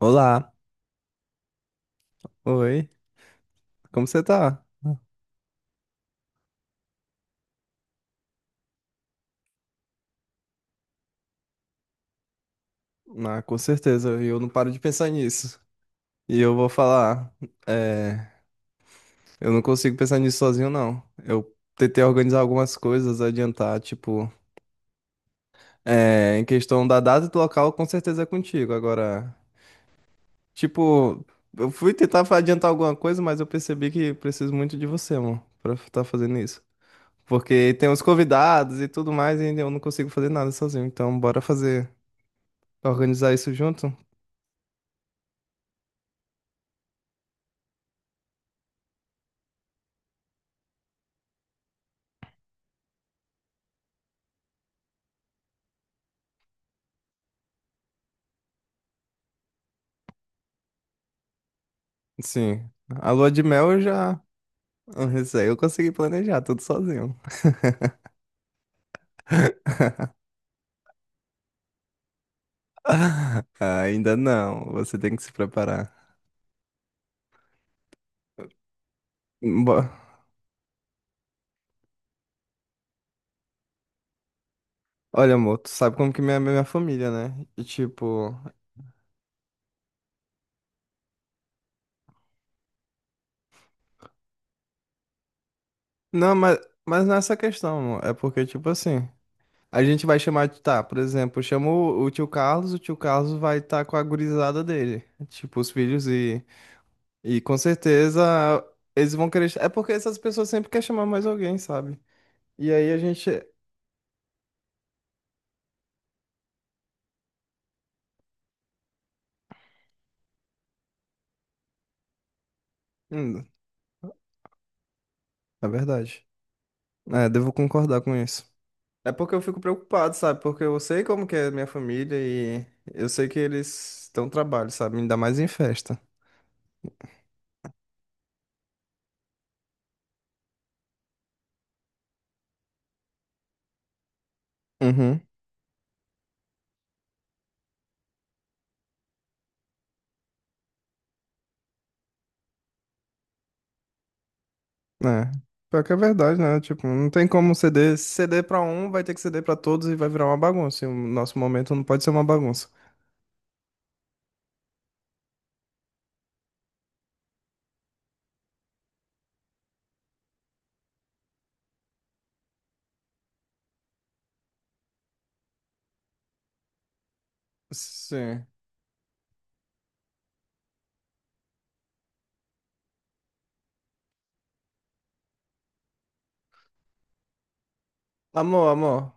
Olá, oi, como você tá? Ah, com certeza, eu não paro de pensar nisso. E eu vou falar, é, eu não consigo pensar nisso sozinho, não. Eu tentei organizar algumas coisas, adiantar, tipo, em questão da data e do local, com certeza é contigo. Agora, tipo, eu fui tentar adiantar alguma coisa, mas eu percebi que preciso muito de você, mano, pra estar fazendo isso. Porque tem os convidados e tudo mais, e eu não consigo fazer nada sozinho. Então, bora fazer, organizar isso junto? Sim. A lua de mel eu já. Isso aí eu consegui planejar tudo sozinho. Ainda não. Você tem que se preparar. Bo- Olha, amor, tu sabe como que minha família, né? E tipo. Não, mas não é essa questão, amor. É porque, tipo assim. A gente vai chamar de. Tá, por exemplo, chama o tio Carlos vai estar com a gurizada dele. Tipo, os filhos e. E com certeza eles vão querer. É porque essas pessoas sempre querem chamar mais alguém, sabe? E aí a gente. Hum, é verdade. É, devo concordar com isso. É porque eu fico preocupado, sabe? Porque eu sei como que é minha família e eu sei que eles estão trabalho, sabe? Ainda mais em festa. Uhum. É. Pior que é verdade, né? Tipo, não tem como ceder. Se ceder pra um, vai ter que ceder pra todos e vai virar uma bagunça. E o nosso momento não pode ser uma bagunça. Sim. Amor, amor.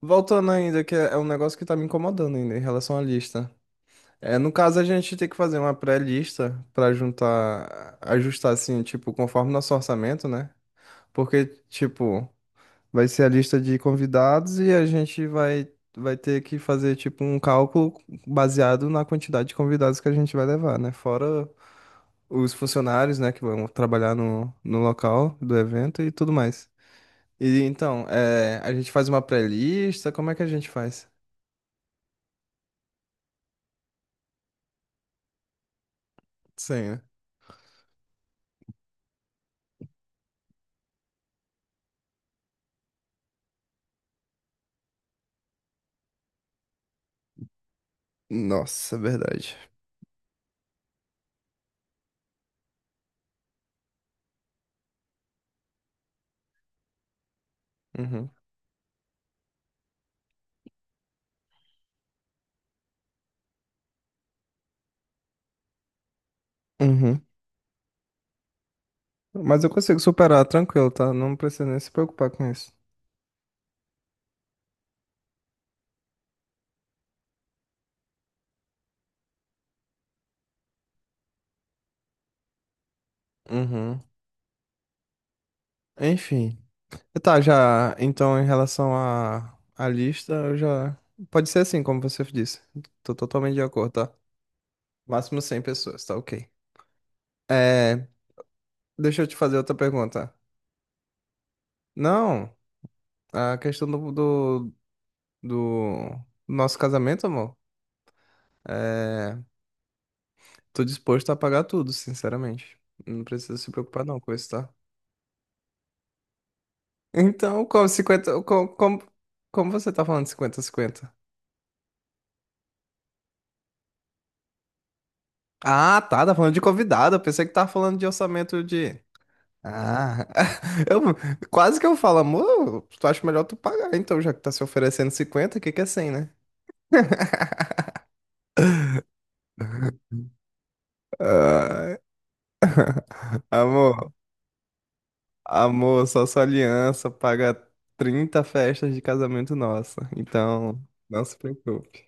Voltando ainda, que é um negócio que tá me incomodando ainda em relação à lista. É, no caso, a gente tem que fazer uma pré-lista para juntar, ajustar assim, tipo, conforme nosso orçamento, né? Porque, tipo, vai ser a lista de convidados e a gente vai ter que fazer, tipo, um cálculo baseado na quantidade de convidados que a gente vai levar, né? Fora os funcionários, né, que vão trabalhar no local do evento e tudo mais. E então, é, a gente faz uma pré-lista, como é que a gente faz? Sim, né? Nossa, é verdade. Uhum. Uhum. Mas eu consigo superar tranquilo, tá? Não precisa nem se preocupar com isso. Uhum. Enfim. Tá, já. Então, em relação à lista, eu já. Pode ser assim, como você disse. Tô totalmente de acordo, tá? Máximo 100 pessoas, tá ok. É. Deixa eu te fazer outra pergunta. Não, a questão do nosso casamento, amor. É. Tô disposto a pagar tudo, sinceramente. Não precisa se preocupar, não, com isso, tá? Então, como 50, como você tá falando de 50-50? Ah, tá, tá falando de convidado. Eu pensei que tava falando de orçamento de. Ah, eu, quase que eu falo, amor, tu acha melhor tu pagar, então, já que tá se oferecendo cinquenta, o que que é cem, né? Ah, amor, amor, só sua aliança paga 30 festas de casamento nossa. Então, não se preocupe.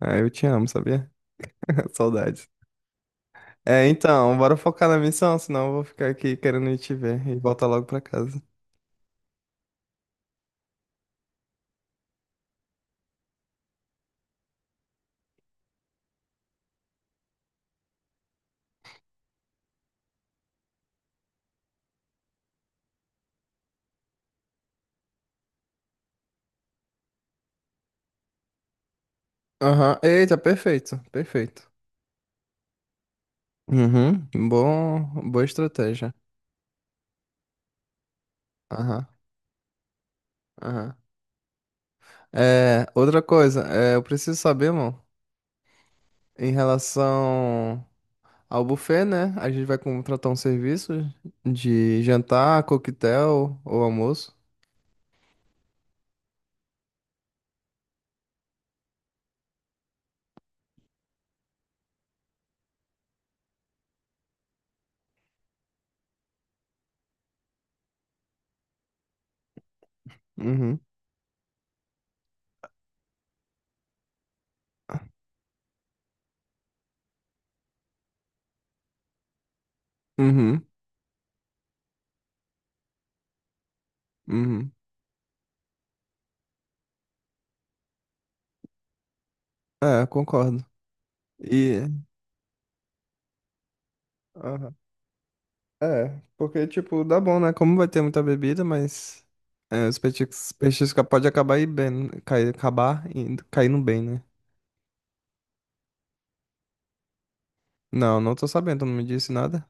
Ah, eu te amo, sabia? Saudades. É, então, bora focar na missão, senão eu vou ficar aqui querendo ir te ver e voltar logo pra casa. Aham. Eita, perfeito, perfeito. Uhum, bom, boa estratégia. Aham, aham. É, outra coisa, é, eu preciso saber, mano, em relação ao buffet, né? A gente vai contratar um serviço de jantar, coquetel ou almoço. Uhum, uhum, uhum. É, concordo. E, aham. É, porque, tipo, dá bom, né? Como vai ter muita bebida, mas é, os petiscos, petiscos pode acabar indo bem, cair, acabar indo, caindo bem, né? Não, não tô sabendo, tu não me disse nada.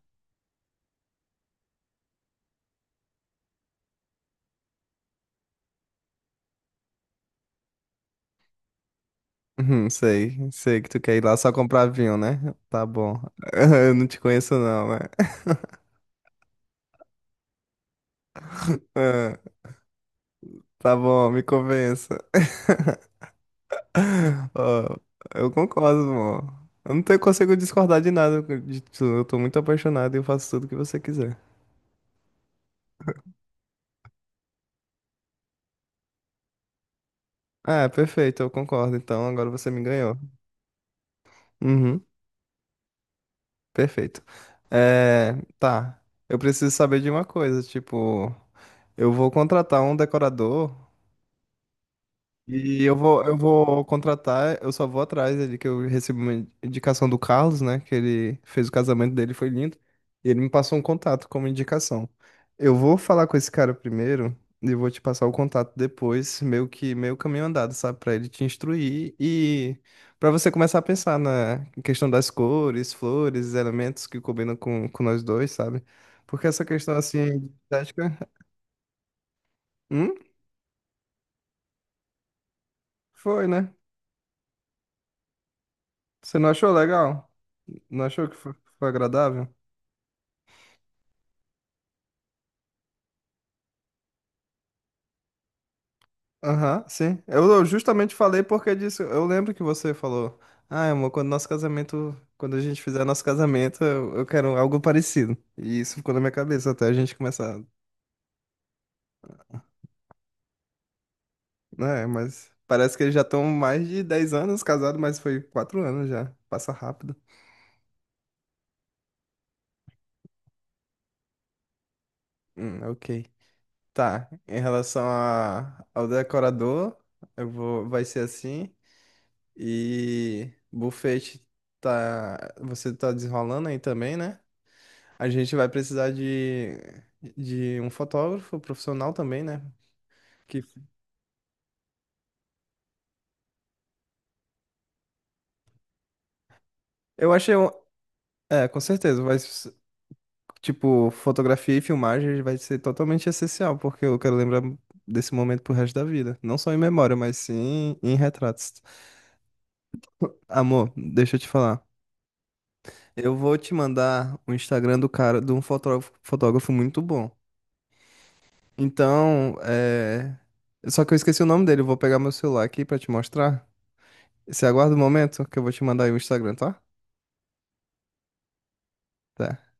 Uhum, sei, sei que tu quer ir lá só comprar vinho, né? Tá bom. Eu não te conheço não, né? Ah, Tá bom, me convença. Ó, eu concordo, amor. Eu não tenho, consigo discordar de nada de tu. Eu tô muito apaixonado e eu faço tudo que você quiser. Ah, perfeito, eu concordo. Então agora você me ganhou. Uhum, perfeito. É, tá. Eu preciso saber de uma coisa, tipo, eu vou contratar um decorador. E eu vou, contratar, eu só vou atrás ali que eu recebi uma indicação do Carlos, né? Que ele fez o casamento dele, foi lindo. E ele me passou um contato como indicação. Eu vou falar com esse cara primeiro e vou te passar o contato depois, meio que meio caminho andado, sabe? Pra ele te instruir e pra você começar a pensar na questão das cores, flores, elementos que combinam com nós dois, sabe? Porque essa questão assim, de estética, hum, foi, né? Você não achou legal? Não achou que foi, foi agradável? Aham, sim. Eu justamente falei porque disso. Eu lembro que você falou, ah, amor, quando nosso casamento, quando a gente fizer nosso casamento, eu quero algo parecido. E isso ficou na minha cabeça até a gente começar, né? Mas parece que eles já estão mais de 10 anos casados, mas foi quatro anos já. Passa rápido. Ok. Tá. Em relação a, ao decorador, eu vou, vai ser assim. E buffet tá, você tá desenrolando aí também, né? A gente vai precisar de um fotógrafo profissional também, né? Que eu achei um, é, com certeza, tipo, fotografia e filmagem vai ser totalmente essencial, porque eu quero lembrar desse momento pro resto da vida, não só em memória, mas sim em retratos. Amor, deixa eu te falar. Eu vou te mandar o Instagram do cara, de um fotógrafo, fotógrafo muito bom. Então, é... Só que eu esqueci o nome dele, eu vou pegar meu celular aqui pra te mostrar. Você aguarda um momento que eu vou te mandar aí o Instagram, tá? Tá.